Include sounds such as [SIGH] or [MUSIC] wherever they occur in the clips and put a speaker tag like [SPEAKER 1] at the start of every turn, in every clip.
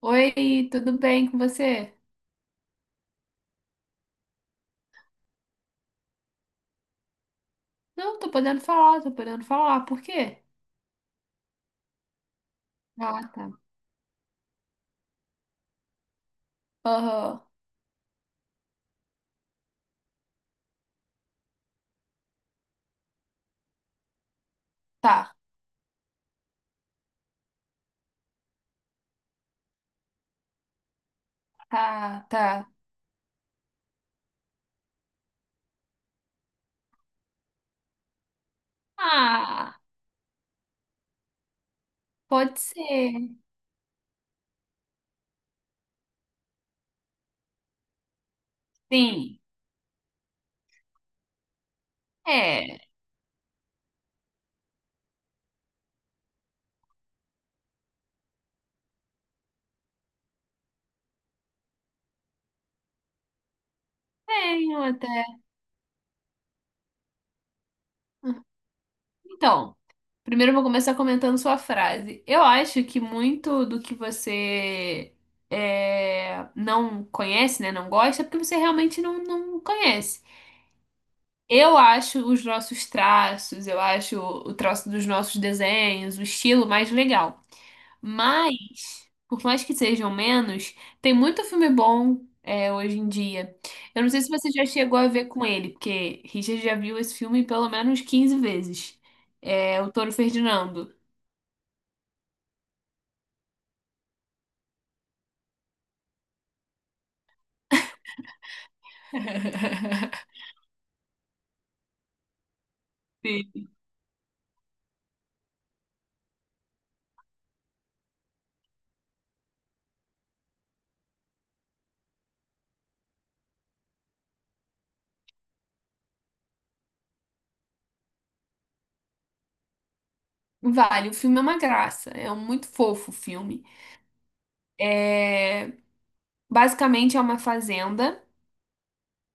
[SPEAKER 1] Oi, tudo bem com você? Não, tô podendo falar, tô podendo falar. Por quê? Ah, tá. Aham. Tá, tá, tá. Ah, pode ser. Sim. É, tenho até. Então, primeiro eu vou começar comentando sua frase. Eu acho que muito do que você é, não conhece, né, não gosta, é porque você realmente não conhece. Eu acho os nossos traços, eu acho o traço dos nossos desenhos, o estilo mais legal. Mas, por mais que sejam menos, tem muito filme bom é, hoje em dia. Eu não sei se você já chegou a ver com ele, porque Richard já viu esse filme pelo menos 15 vezes. É o Touro Ferdinando. [LAUGHS] Sim. Vale, o filme é uma graça, é um muito fofo o filme. É, basicamente é uma fazenda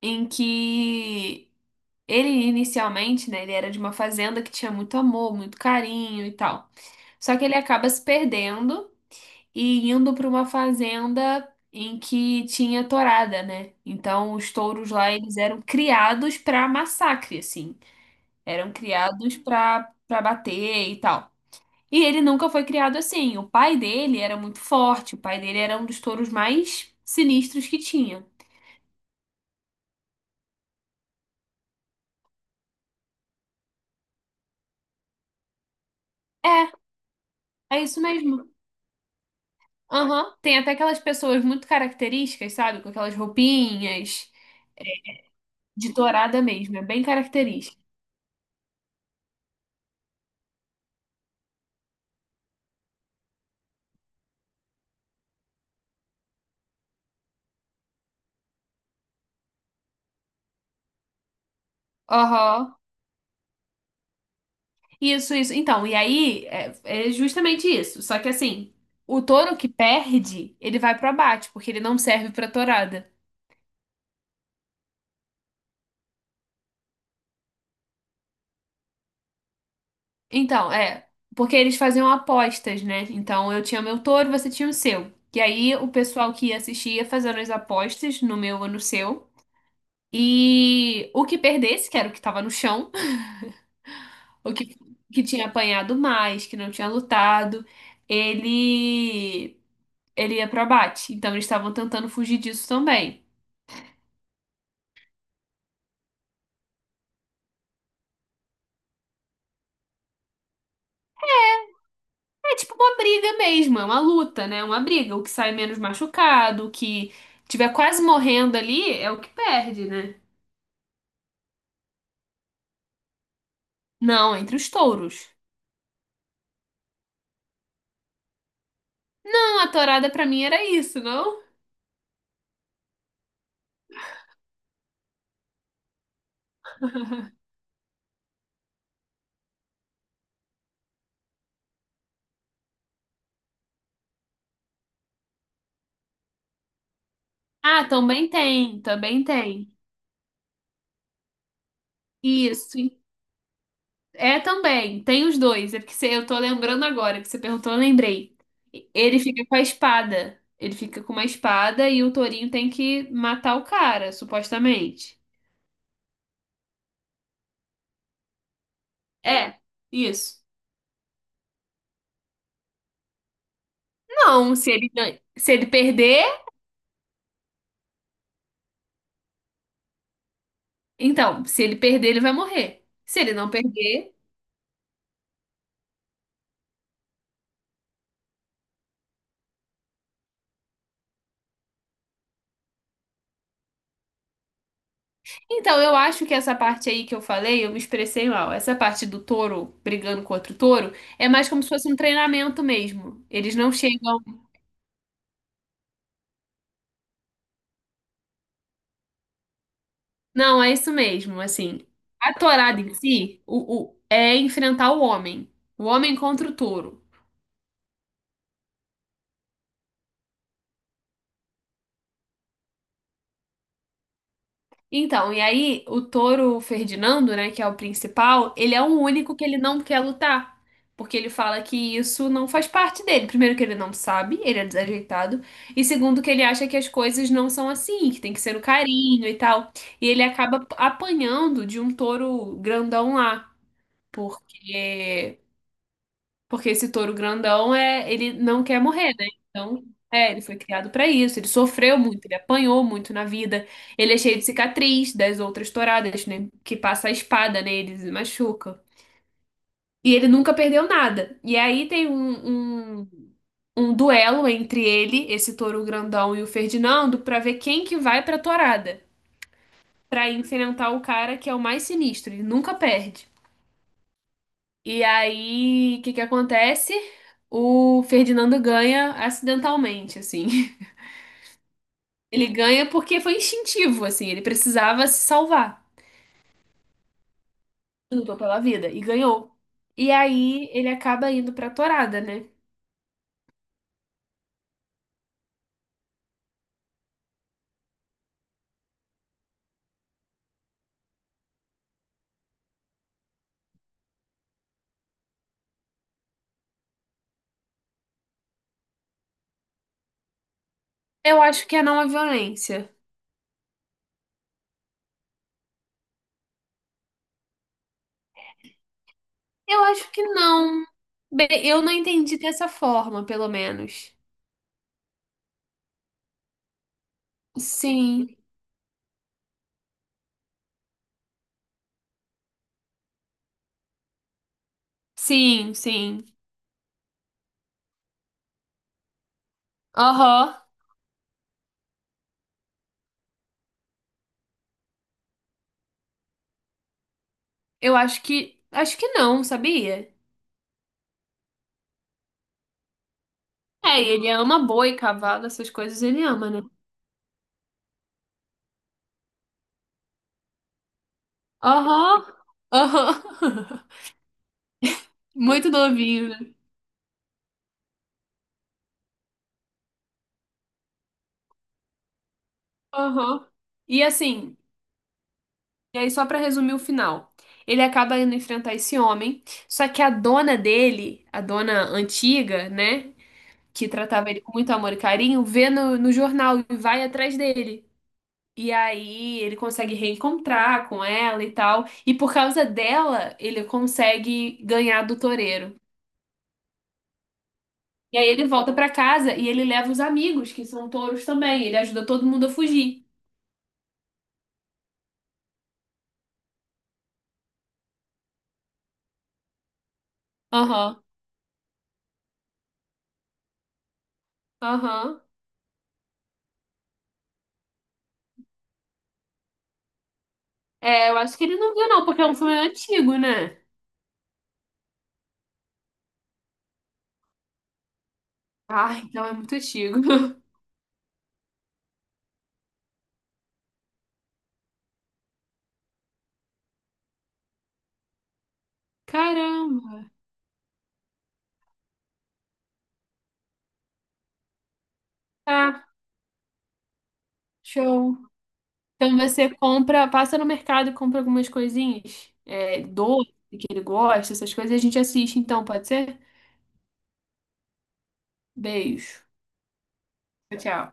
[SPEAKER 1] em que ele inicialmente, né, ele era de uma fazenda que tinha muito amor, muito carinho e tal. Só que ele acaba se perdendo e indo para uma fazenda em que tinha tourada, né? Então os touros lá eles eram criados para massacre, assim. Eram criados para bater e tal. E ele nunca foi criado assim. O pai dele era muito forte, o pai dele era um dos touros mais sinistros que tinha. É, é isso mesmo. Aham, tem até aquelas pessoas muito características, sabe? Com aquelas roupinhas de tourada mesmo, é bem característica. Aham. Isso, isso. Então, e aí é justamente isso. Só que assim, o touro que perde, ele vai pro abate, porque ele não serve pra tourada. Então, é, porque eles faziam apostas, né? Então, eu tinha meu touro, você tinha o seu. E aí o pessoal que ia assistir ia fazendo as apostas no meu ou no seu. E o que perdesse, que era o que tava no chão, o que tinha apanhado mais, que não tinha lutado, ele ele ia pro abate. Então eles estavam tentando fugir disso também. É tipo uma briga mesmo, é uma luta, né? É uma briga. O que sai menos machucado, o que tiver quase morrendo ali é o que perde, né? Não, entre os touros. Não, a tourada pra mim era isso, não? Ah, também tem, também tem. Isso, é também, tem os dois. É porque eu tô lembrando agora que você perguntou, eu lembrei. Ele fica com a espada. Ele fica com uma espada e o Torinho tem que matar o cara, supostamente. É, isso. Não, se ele perder, então, se ele perder, ele vai morrer. Se ele não perder. Então, eu acho que essa parte aí que eu falei, eu me expressei mal. Essa parte do touro brigando com outro touro é mais como se fosse um treinamento mesmo. Eles não chegam. Não, é isso mesmo, assim. A tourada em si, é enfrentar o homem. O homem contra o touro. Então, e aí o touro Ferdinando, né, que é o principal, ele é o único que ele não quer lutar. Porque ele fala que isso não faz parte dele. Primeiro que ele não sabe, ele é desajeitado. E segundo que ele acha que as coisas não são assim, que tem que ser o carinho e tal. E ele acaba apanhando de um touro grandão lá. Porque Porque esse touro grandão é, ele não quer morrer, né? Então, é, ele foi criado pra isso. Ele sofreu muito, ele apanhou muito na vida. Ele é cheio de cicatriz das outras touradas, né? Que passa a espada neles e machuca. E ele nunca perdeu nada. E aí tem um duelo entre ele, esse touro grandão e o Ferdinando, pra ver quem que vai pra tourada, pra enfrentar o cara que é o mais sinistro. Ele nunca perde. E aí, o que que acontece? O Ferdinando ganha acidentalmente, assim. [LAUGHS] Ele ganha porque foi instintivo, assim. Ele precisava se salvar. Lutou pela vida e ganhou. E aí, ele acaba indo pra tourada, né? Eu acho que é não a violência. Eu acho que não. Bem, eu não entendi dessa forma, pelo menos. Sim, sim, sim. Aham. Eu acho que. Acho que não, sabia? É, ele ama boi, cavalo, essas coisas ele ama, né? Aham, aham. [LAUGHS] Muito novinho, né? Aham. E assim, e aí só pra resumir o final. Ele acaba indo enfrentar esse homem, só que a dona dele, a dona antiga, né, que tratava ele com muito amor e carinho, vê no jornal e vai atrás dele. E aí ele consegue reencontrar com ela e tal, e por causa dela, ele consegue ganhar do toureiro. E aí ele volta pra casa e ele leva os amigos, que são touros também, ele ajuda todo mundo a fugir. Aham, aham. É, eu acho que ele não viu, não, porque é um filme antigo, né? Ah, então é muito antigo. [LAUGHS] Caramba. Tá, show. Então você compra, passa no mercado e compra algumas coisinhas. É, doce que ele gosta, essas coisas, e a gente assiste, então, pode ser? Beijo. Tchau, tchau.